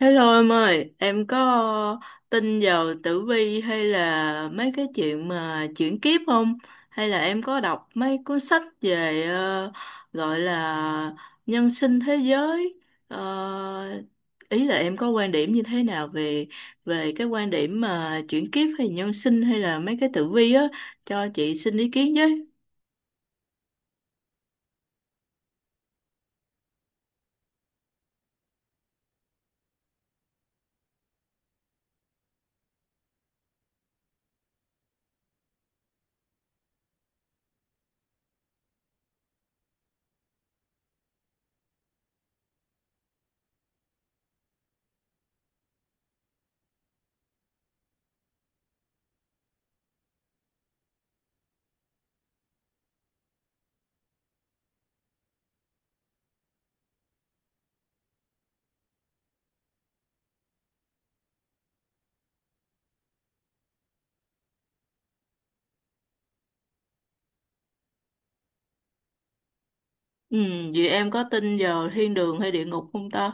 Hello em ơi, em có tin vào tử vi hay là mấy cái chuyện mà chuyển kiếp không? Hay là em có đọc mấy cuốn sách về gọi là nhân sinh thế giới? Ờ, Ý là em có quan điểm như thế nào về về cái quan điểm mà chuyển kiếp hay nhân sinh hay là mấy cái tử vi á, cho chị xin ý kiến với. Ừ, vậy em có tin vào thiên đường hay địa ngục không ta?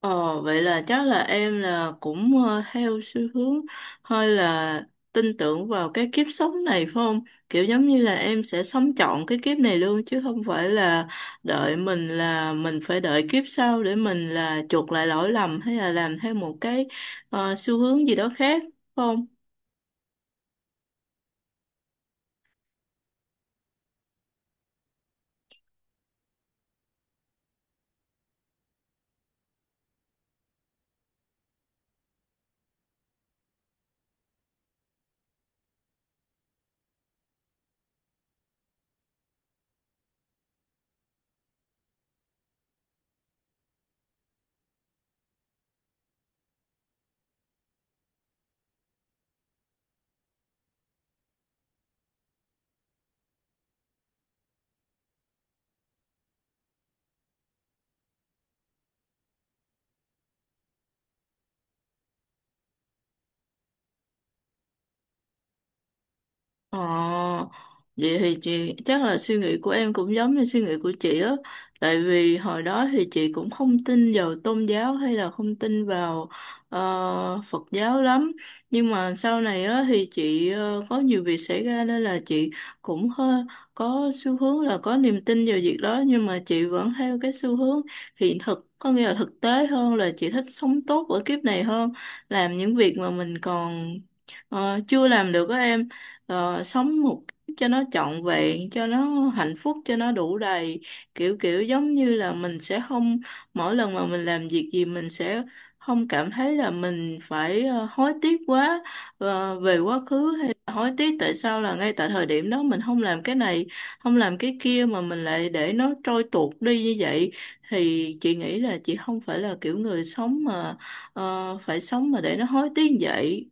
Ờ, vậy là chắc là em là cũng theo xu hướng hơi là tin tưởng vào cái kiếp sống này phải không? Kiểu giống như là em sẽ sống trọn cái kiếp này luôn, chứ không phải là đợi mình, là mình phải đợi kiếp sau để mình là chuộc lại lỗi lầm, hay là làm theo một cái xu hướng gì đó khác phải không? Ờ, vậy thì chị chắc là suy nghĩ của em cũng giống như suy nghĩ của chị á, tại vì hồi đó thì chị cũng không tin vào tôn giáo hay là không tin vào Phật giáo lắm, nhưng mà sau này á thì chị có nhiều việc xảy ra nên là chị cũng hơi có xu hướng là có niềm tin vào việc đó, nhưng mà chị vẫn theo cái xu hướng hiện thực, có nghĩa là thực tế hơn, là chị thích sống tốt ở kiếp này hơn, làm những việc mà mình còn chưa làm được á em, sống một cách cho nó trọn vẹn, cho nó hạnh phúc, cho nó đủ đầy. Kiểu kiểu giống như là mình sẽ không, mỗi lần mà mình làm việc gì mình sẽ không cảm thấy là mình phải hối tiếc quá, về quá khứ, hay là hối tiếc tại sao là ngay tại thời điểm đó mình không làm cái này, không làm cái kia mà mình lại để nó trôi tuột đi như vậy. Thì chị nghĩ là chị không phải là kiểu người sống mà phải sống mà để nó hối tiếc như vậy.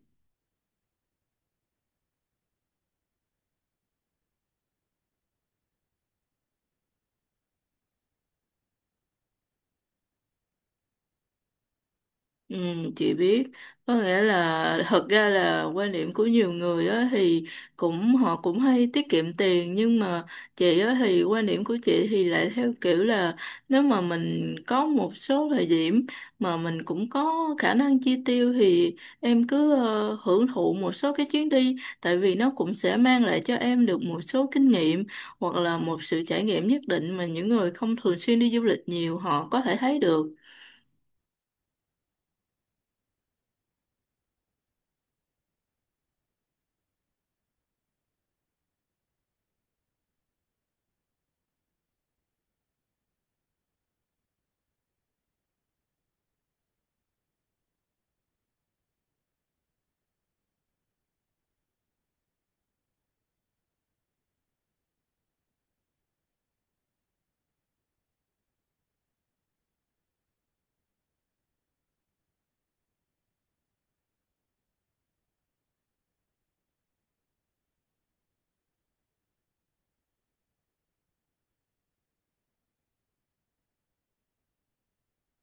Ừ, chị biết. Có nghĩa là thật ra là quan điểm của nhiều người á thì cũng, họ cũng hay tiết kiệm tiền, nhưng mà chị á thì quan điểm của chị thì lại theo kiểu là nếu mà mình có một số thời điểm mà mình cũng có khả năng chi tiêu thì em cứ hưởng thụ một số cái chuyến đi, tại vì nó cũng sẽ mang lại cho em được một số kinh nghiệm hoặc là một sự trải nghiệm nhất định mà những người không thường xuyên đi du lịch nhiều họ có thể thấy được.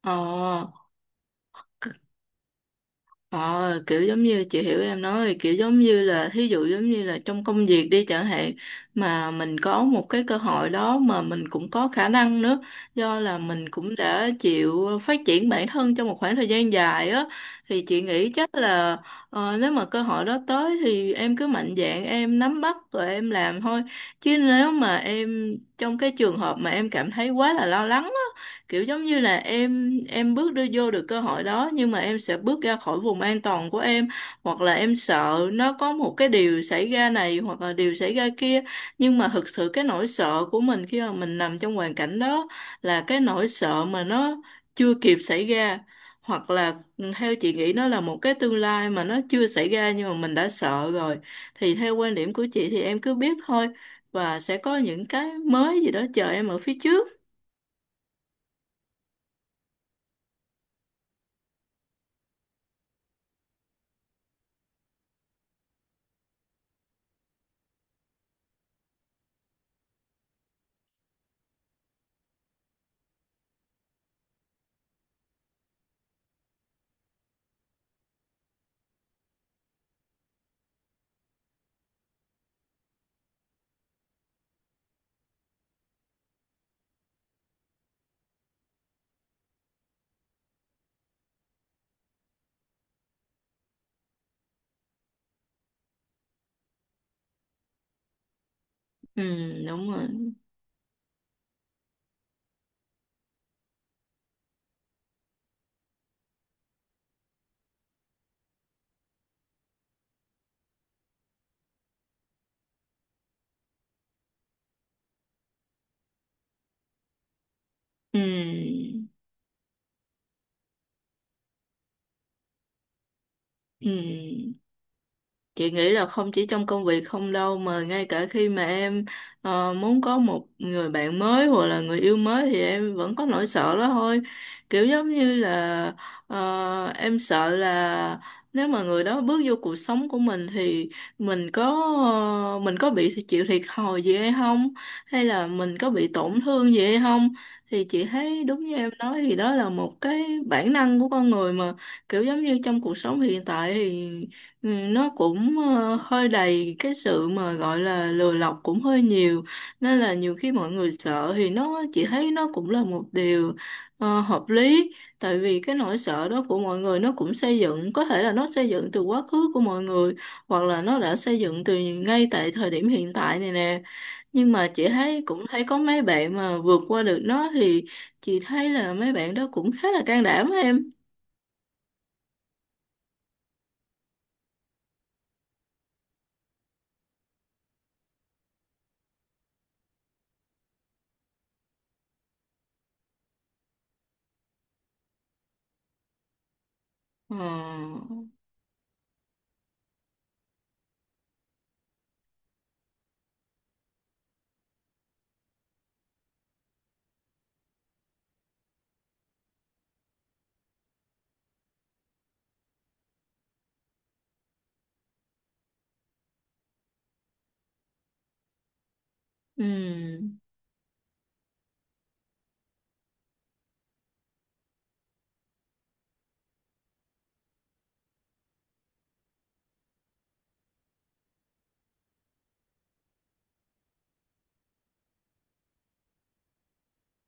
Ờ. Ờ, kiểu giống như chị hiểu em nói rồi, kiểu giống như là thí dụ giống như là trong công việc đi chẳng hạn, mà mình có một cái cơ hội đó mà mình cũng có khả năng nữa, do là mình cũng đã chịu phát triển bản thân trong một khoảng thời gian dài á, thì chị nghĩ chắc là nếu mà cơ hội đó tới thì em cứ mạnh dạn em nắm bắt rồi em làm thôi. Chứ nếu mà em trong cái trường hợp mà em cảm thấy quá là lo lắng, kiểu giống như là em bước đưa vô được cơ hội đó, nhưng mà em sẽ bước ra khỏi vùng an toàn của em, hoặc là em sợ nó có một cái điều xảy ra này hoặc là điều xảy ra kia, nhưng mà thực sự cái nỗi sợ của mình khi mà mình nằm trong hoàn cảnh đó là cái nỗi sợ mà nó chưa kịp xảy ra, hoặc là ừ, theo chị nghĩ nó là một cái tương lai mà nó chưa xảy ra nhưng mà mình đã sợ rồi. Thì theo quan điểm của chị thì em cứ biết thôi, và sẽ có những cái mới gì đó chờ em ở phía trước. Ừ, đúng rồi. Ừ. Ừ. Chị nghĩ là không chỉ trong công việc không đâu, mà ngay cả khi mà em muốn có một người bạn mới hoặc là người yêu mới thì em vẫn có nỗi sợ đó thôi. Kiểu giống như là em sợ là nếu mà người đó bước vô cuộc sống của mình thì mình có, mình có bị chịu thiệt thòi gì hay không, hay là mình có bị tổn thương gì hay không. Thì chị thấy đúng như em nói thì đó là một cái bản năng của con người mà, kiểu giống như trong cuộc sống hiện tại thì ừ, nó cũng hơi đầy cái sự mà gọi là lừa lọc cũng hơi nhiều, nên là nhiều khi mọi người sợ thì nó chỉ thấy nó cũng là một điều hợp lý. Tại vì cái nỗi sợ đó của mọi người nó cũng xây dựng, có thể là nó xây dựng từ quá khứ của mọi người, hoặc là nó đã xây dựng từ ngay tại thời điểm hiện tại này nè. Nhưng mà chị thấy cũng thấy có mấy bạn mà vượt qua được nó thì chị thấy là mấy bạn đó cũng khá là can đảm em. Ờ, ừ.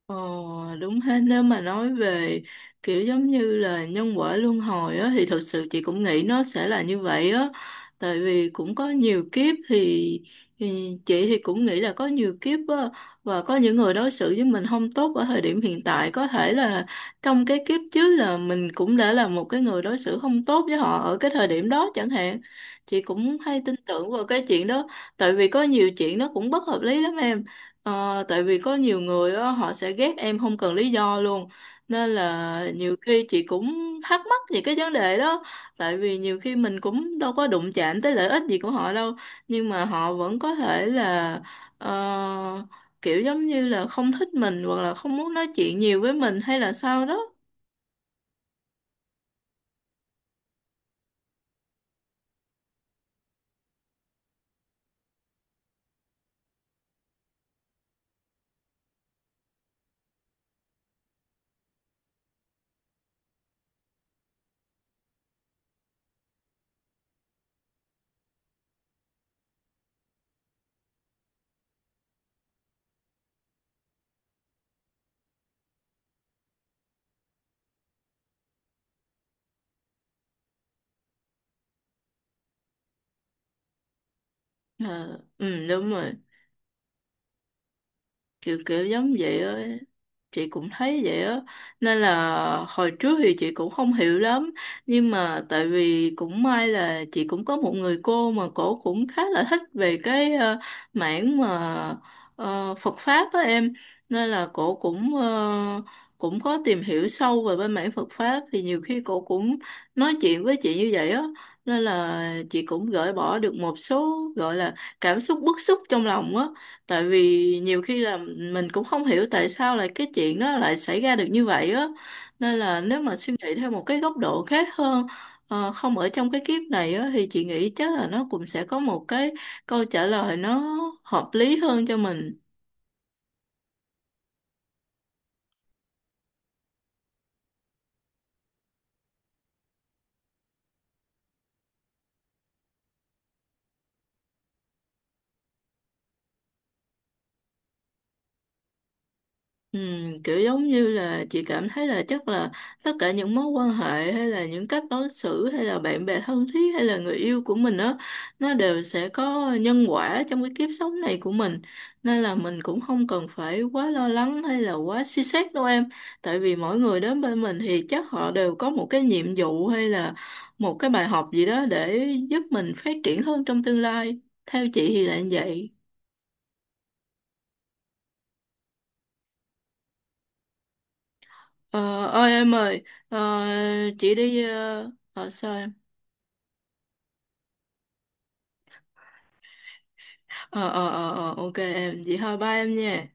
Ờ, đúng hết. Nếu mà nói về kiểu giống như là nhân quả luân hồi á thì thật sự chị cũng nghĩ nó sẽ là như vậy á, tại vì cũng có nhiều kiếp thì chị thì cũng nghĩ là có nhiều kiếp á, và có những người đối xử với mình không tốt ở thời điểm hiện tại có thể là trong cái kiếp trước là mình cũng đã là một cái người đối xử không tốt với họ ở cái thời điểm đó chẳng hạn. Chị cũng hay tin tưởng vào cái chuyện đó, tại vì có nhiều chuyện nó cũng bất hợp lý lắm em. Ờ, tại vì có nhiều người á, họ sẽ ghét em không cần lý do luôn, nên là nhiều khi chị cũng thắc mắc về cái vấn đề đó. Tại vì nhiều khi mình cũng đâu có đụng chạm tới lợi ích gì của họ đâu, nhưng mà họ vẫn có thể là ờ, kiểu giống như là không thích mình, hoặc là không muốn nói chuyện nhiều với mình hay là sao đó. Ờ, ừ đúng rồi, kiểu kiểu giống vậy á, chị cũng thấy vậy á. Nên là hồi trước thì chị cũng không hiểu lắm, nhưng mà tại vì cũng may là chị cũng có một người cô mà cổ cũng khá là thích về cái mảng mà Phật pháp á em, nên là cổ cũng cũng có tìm hiểu sâu về bên mảng Phật pháp, thì nhiều khi cổ cũng nói chuyện với chị như vậy á. Nên là chị cũng gỡ bỏ được một số gọi là cảm xúc bức xúc trong lòng á, tại vì nhiều khi là mình cũng không hiểu tại sao lại cái chuyện đó lại xảy ra được như vậy á, nên là nếu mà suy nghĩ theo một cái góc độ khác hơn, không ở trong cái kiếp này á thì chị nghĩ chắc là nó cũng sẽ có một cái câu trả lời nó hợp lý hơn cho mình. Ừ, kiểu giống như là chị cảm thấy là chắc là tất cả những mối quan hệ hay là những cách đối xử hay là bạn bè thân thiết hay là người yêu của mình đó, nó đều sẽ có nhân quả trong cái kiếp sống này của mình. Nên là mình cũng không cần phải quá lo lắng hay là quá suy xét đâu em, tại vì mỗi người đến bên mình thì chắc họ đều có một cái nhiệm vụ hay là một cái bài học gì đó để giúp mình phát triển hơn trong tương lai. Theo chị thì là như vậy. Ờ, ơi em ơi ờ, chị đi sao em? Ờ, ok em, chị thôi ba em nha.